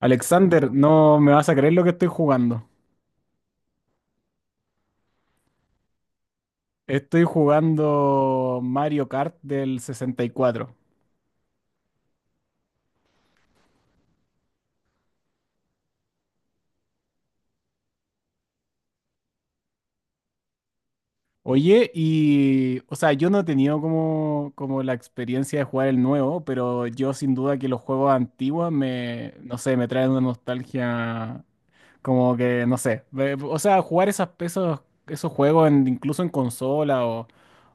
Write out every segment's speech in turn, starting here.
Alexander, no me vas a creer lo que estoy jugando. Estoy jugando Mario Kart del 64. Oye, y, o sea, yo no he tenido como la experiencia de jugar el nuevo, pero yo sin duda que los juegos antiguos me, no sé, me traen una nostalgia como que, no sé, o sea, jugar esos, incluso en consola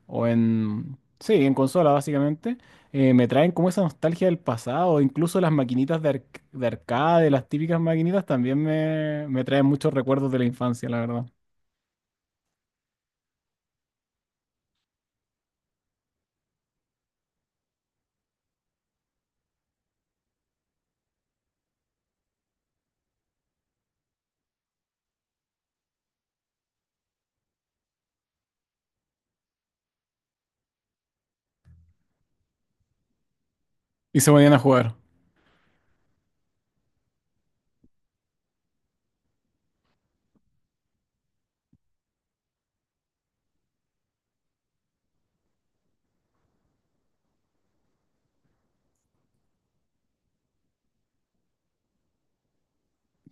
o en, sí, en consola básicamente, me traen como esa nostalgia del pasado, incluso las maquinitas de, de arcade, las típicas maquinitas también me traen muchos recuerdos de la infancia, la verdad. Y se ponían a jugar.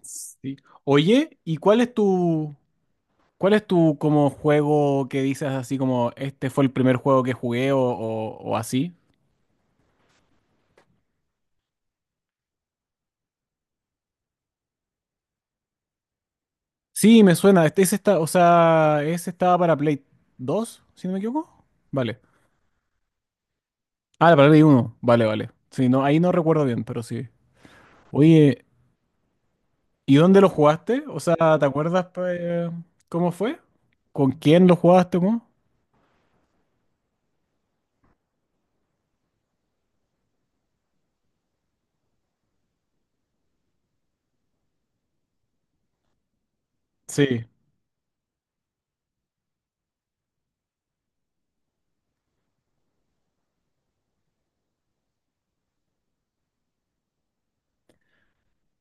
Sí. Oye, ¿y cuál es tu como juego que dices así como este fue el primer juego que jugué o así? Sí, me suena. Este, ese está, o sea, ese estaba para Play dos, si no me equivoco. Vale. Ah, para Play uno. Vale, vale. Sí, no, ahí no recuerdo bien, pero sí. Oye, ¿y dónde lo jugaste? O sea, ¿te acuerdas pues, cómo fue? ¿Con quién lo jugaste, cómo? Sí.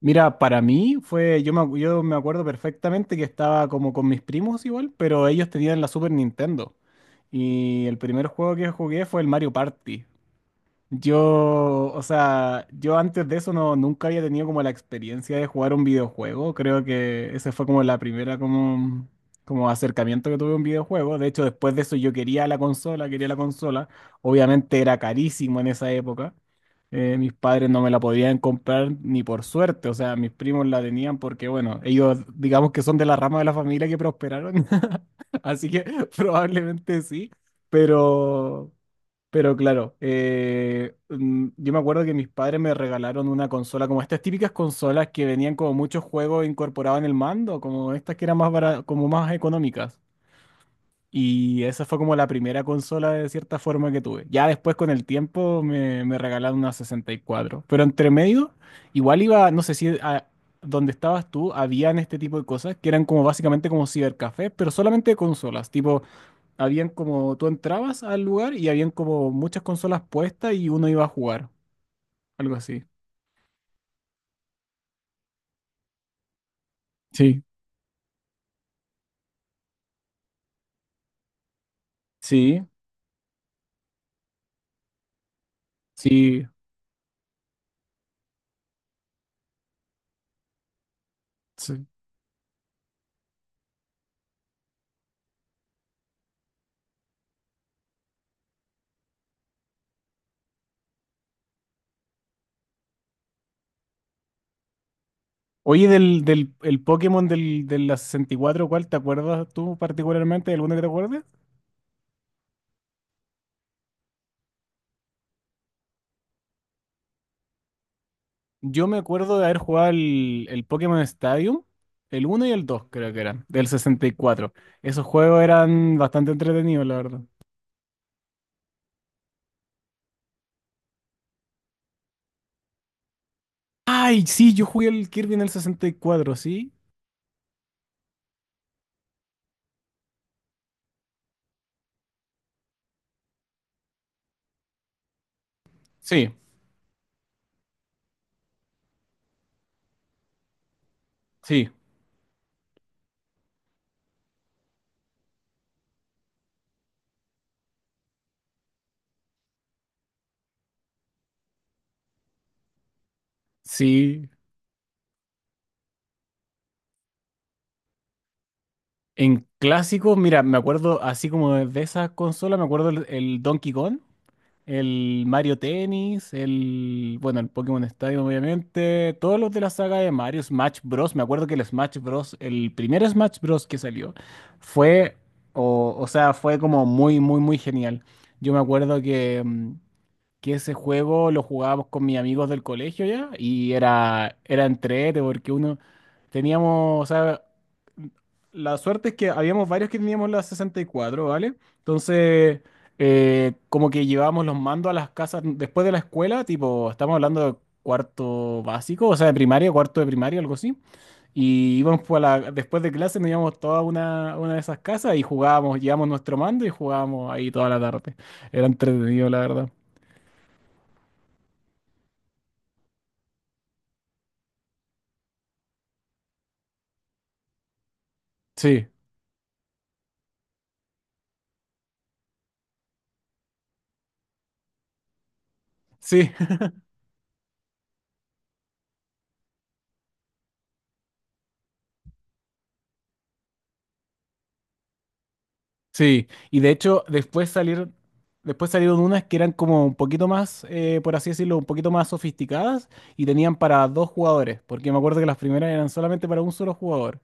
Mira, para mí fue, yo me acuerdo perfectamente que estaba como con mis primos igual, pero ellos tenían la Super Nintendo. Y el primer juego que jugué fue el Mario Party. Yo, o sea, yo antes de eso no, nunca había tenido como la experiencia de jugar un videojuego. Creo que ese fue como la primera como acercamiento que tuve a un videojuego. De hecho, después de eso yo quería la consola, quería la consola. Obviamente era carísimo en esa época. Mis padres no me la podían comprar ni por suerte. O sea, mis primos la tenían porque, bueno, ellos digamos que son de la rama de la familia que prosperaron. Así que probablemente sí. Pero... Pero claro, yo me acuerdo que mis padres me regalaron una consola, como estas típicas consolas que venían como muchos juegos incorporados en el mando, como estas que eran más como más económicas. Y esa fue como la primera consola de cierta forma que tuve. Ya después con el tiempo me regalaron una 64. Pero entre medio, igual iba, no sé si a donde estabas tú, habían este tipo de cosas que eran como básicamente como cibercafés, pero solamente de consolas, tipo habían como, tú entrabas al lugar y habían como muchas consolas puestas y uno iba a jugar, algo así. Sí, sí, sí, sí. Oye, del el Pokémon del, de la 64. ¿Cuál te acuerdas tú particularmente? ¿Alguno que te acuerdes? Yo me acuerdo de haber jugado el, Pokémon Stadium, el uno y el 2 creo que eran, del 64. Esos juegos eran bastante entretenidos, la verdad. Ay, sí, yo jugué el Kirby en el 64. Sí, sí, sí. Sí. En clásicos, mira, me acuerdo así como de esas consolas, me acuerdo el Donkey Kong, el Mario Tennis, el, bueno, el Pokémon Stadium, obviamente, todos los de la saga de Mario, Smash Bros. Me acuerdo que el Smash Bros., el primer Smash Bros. Que salió, fue, o sea, fue como muy, muy, muy genial. Yo me acuerdo que que ese juego lo jugábamos con mis amigos del colegio ya y era, era entrete porque uno teníamos, o sea, la suerte es que habíamos varios que teníamos la 64, ¿vale? Entonces, como que llevábamos los mandos a las casas después de la escuela, tipo, estamos hablando de cuarto básico, o sea, de primaria, cuarto de primaria, algo así. Y íbamos pues, a la, después de clase, nos íbamos toda una de esas casas y jugábamos, llevábamos nuestro mando y jugábamos ahí toda la tarde. Era entretenido, la verdad. Sí. Sí, sí. Y de hecho, después salieron unas que eran como un poquito más, por así decirlo, un poquito más sofisticadas y tenían para dos jugadores, porque me acuerdo que las primeras eran solamente para un solo jugador.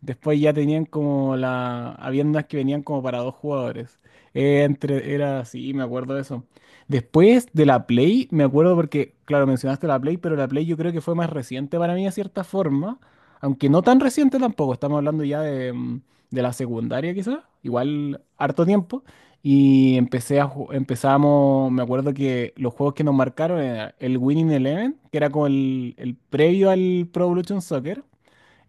Después ya tenían como habían unas que venían como para dos jugadores. Era así, me acuerdo de eso. Después de la Play, me acuerdo porque, claro, mencionaste la Play, pero la Play yo creo que fue más reciente para mí de cierta forma, aunque no tan reciente tampoco, estamos hablando ya de... de la secundaria quizás, igual harto tiempo, y empezamos, me acuerdo que los juegos que nos marcaron era el Winning Eleven, que era como el previo al Pro Evolution Soccer,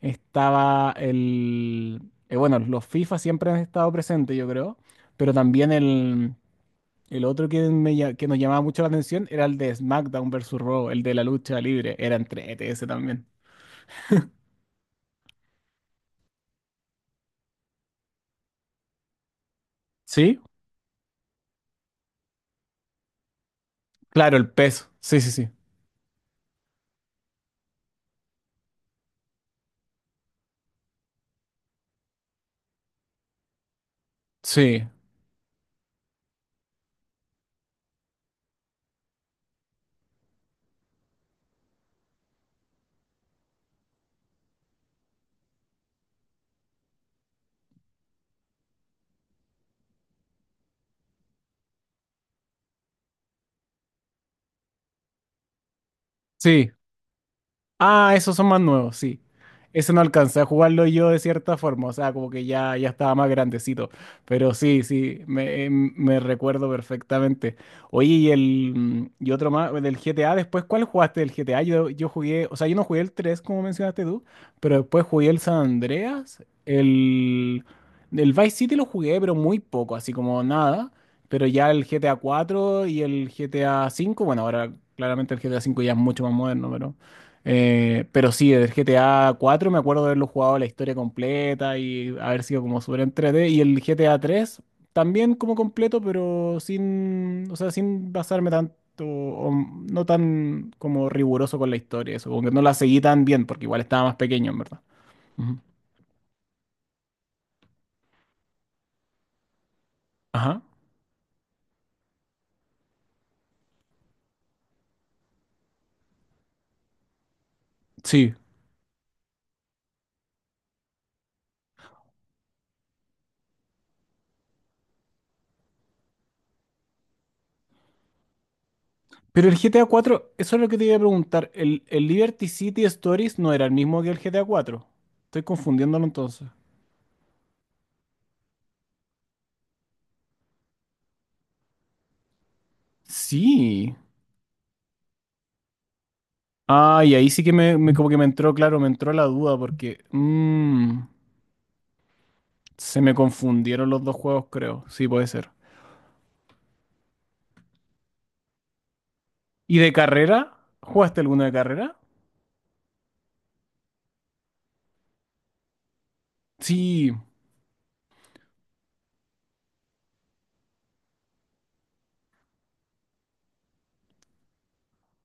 estaba bueno, los FIFA siempre han estado presentes, yo creo, pero también el, el otro que nos llamaba mucho la atención era el de SmackDown versus Raw, el de la lucha libre, era entre ETS también. ¿Sí? Claro, el peso, sí, sí, sí, sí, sí. Ah, esos son más nuevos, sí. Ese no alcancé a jugarlo yo de cierta forma, o sea, como que ya, ya estaba más grandecito. Pero sí, sí, me recuerdo perfectamente. Oye, y otro más, el del GTA, después, ¿cuál jugaste del GTA? Yo jugué, o sea, yo no jugué el 3 como mencionaste tú, pero después jugué el San Andreas, el, Vice City lo jugué, pero muy poco, así como nada. Pero ya el GTA 4 y el GTA 5. Bueno, ahora claramente el GTA 5 ya es mucho más moderno, pero. Pero sí, del GTA 4 me acuerdo de haberlo jugado la historia completa y haber sido como súper entrete. Y el GTA 3 también como completo, pero sin, o sea, sin basarme tanto, o no tan como riguroso con la historia, eso, como que no la seguí tan bien, porque igual estaba más pequeño, en verdad. Ujú. Ajá. Sí. Pero el GTA 4, eso es lo que te iba a preguntar. ¿El Liberty City Stories no era el mismo que el GTA 4? Estoy confundiéndolo entonces. Sí. Ah, y ahí sí que como que me entró, claro, me entró la duda porque se me confundieron los dos juegos, creo. Sí, puede ser. ¿Y de carrera? ¿Jugaste alguna de carrera? Sí.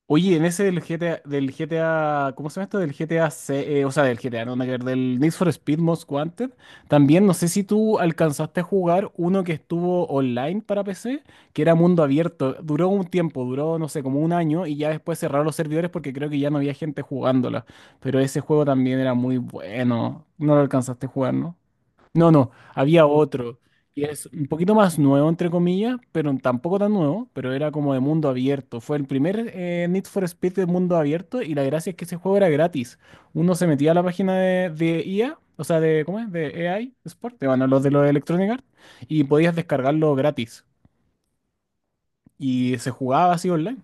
Oye, en ese del GTA, ¿cómo se llama esto? Del GTA, o sea, del GTA, no, nada que ver, del Need for Speed Most Wanted. También, no sé si tú alcanzaste a jugar uno que estuvo online para PC, que era mundo abierto. Duró un tiempo, duró, no sé, como un año y ya después cerraron los servidores porque creo que ya no había gente jugándola. Pero ese juego también era muy bueno. No lo alcanzaste a jugar, ¿no? No, no, había otro. Y es un poquito más nuevo, entre comillas, pero tampoco tan nuevo, pero era como de mundo abierto. Fue el primer Need for Speed de mundo abierto y la gracia es que ese juego era gratis. Uno se metía a la página de, IA, o sea, de, ¿cómo es? De AI Sport, de, bueno, los de los Electronic Arts, y podías descargarlo gratis. Y se jugaba así online.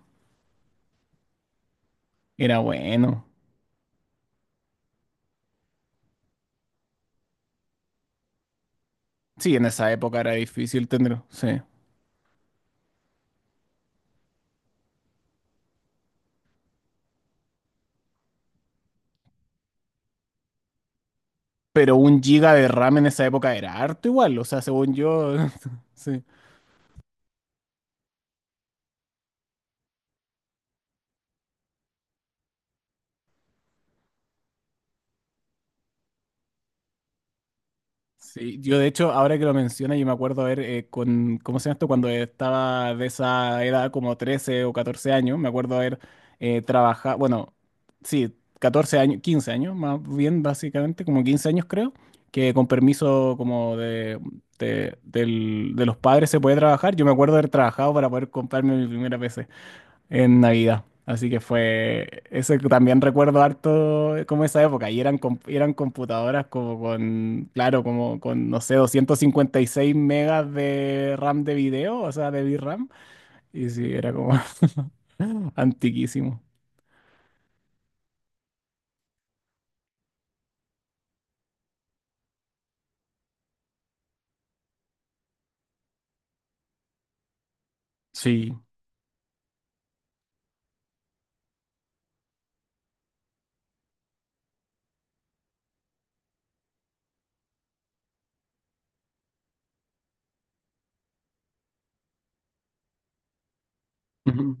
Era bueno. Sí, en esa época era difícil tenerlo, sí. Pero un giga de RAM en esa época era harto igual, o sea, según yo, sí. Sí, yo de hecho, ahora que lo menciona, yo me acuerdo ver con, ¿cómo se llama esto? Cuando estaba de esa edad, como 13 o 14 años, me acuerdo haber trabajado, bueno, sí, 14 años, 15 años, más bien básicamente, como 15 años creo, que con permiso como de los padres se puede trabajar. Yo me acuerdo haber trabajado para poder comprarme mi primera PC en Navidad. Así que fue, eso que también recuerdo harto como esa época, y eran, eran computadoras como con, claro, como con, no sé, 256 megas de RAM de video, o sea, de VRAM, y sí, era como antiquísimo. Sí, Ujú.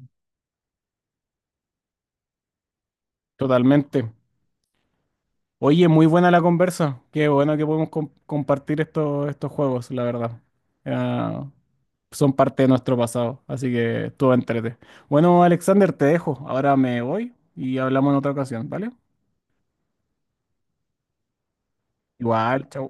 Totalmente. Oye, muy buena la conversa, qué bueno que podemos compartir estos juegos, la verdad. Era son parte de nuestro pasado, así que estuvo entrete. Bueno, Alexander, te dejo, ahora me voy y hablamos en otra ocasión, ¿vale? Igual, chao.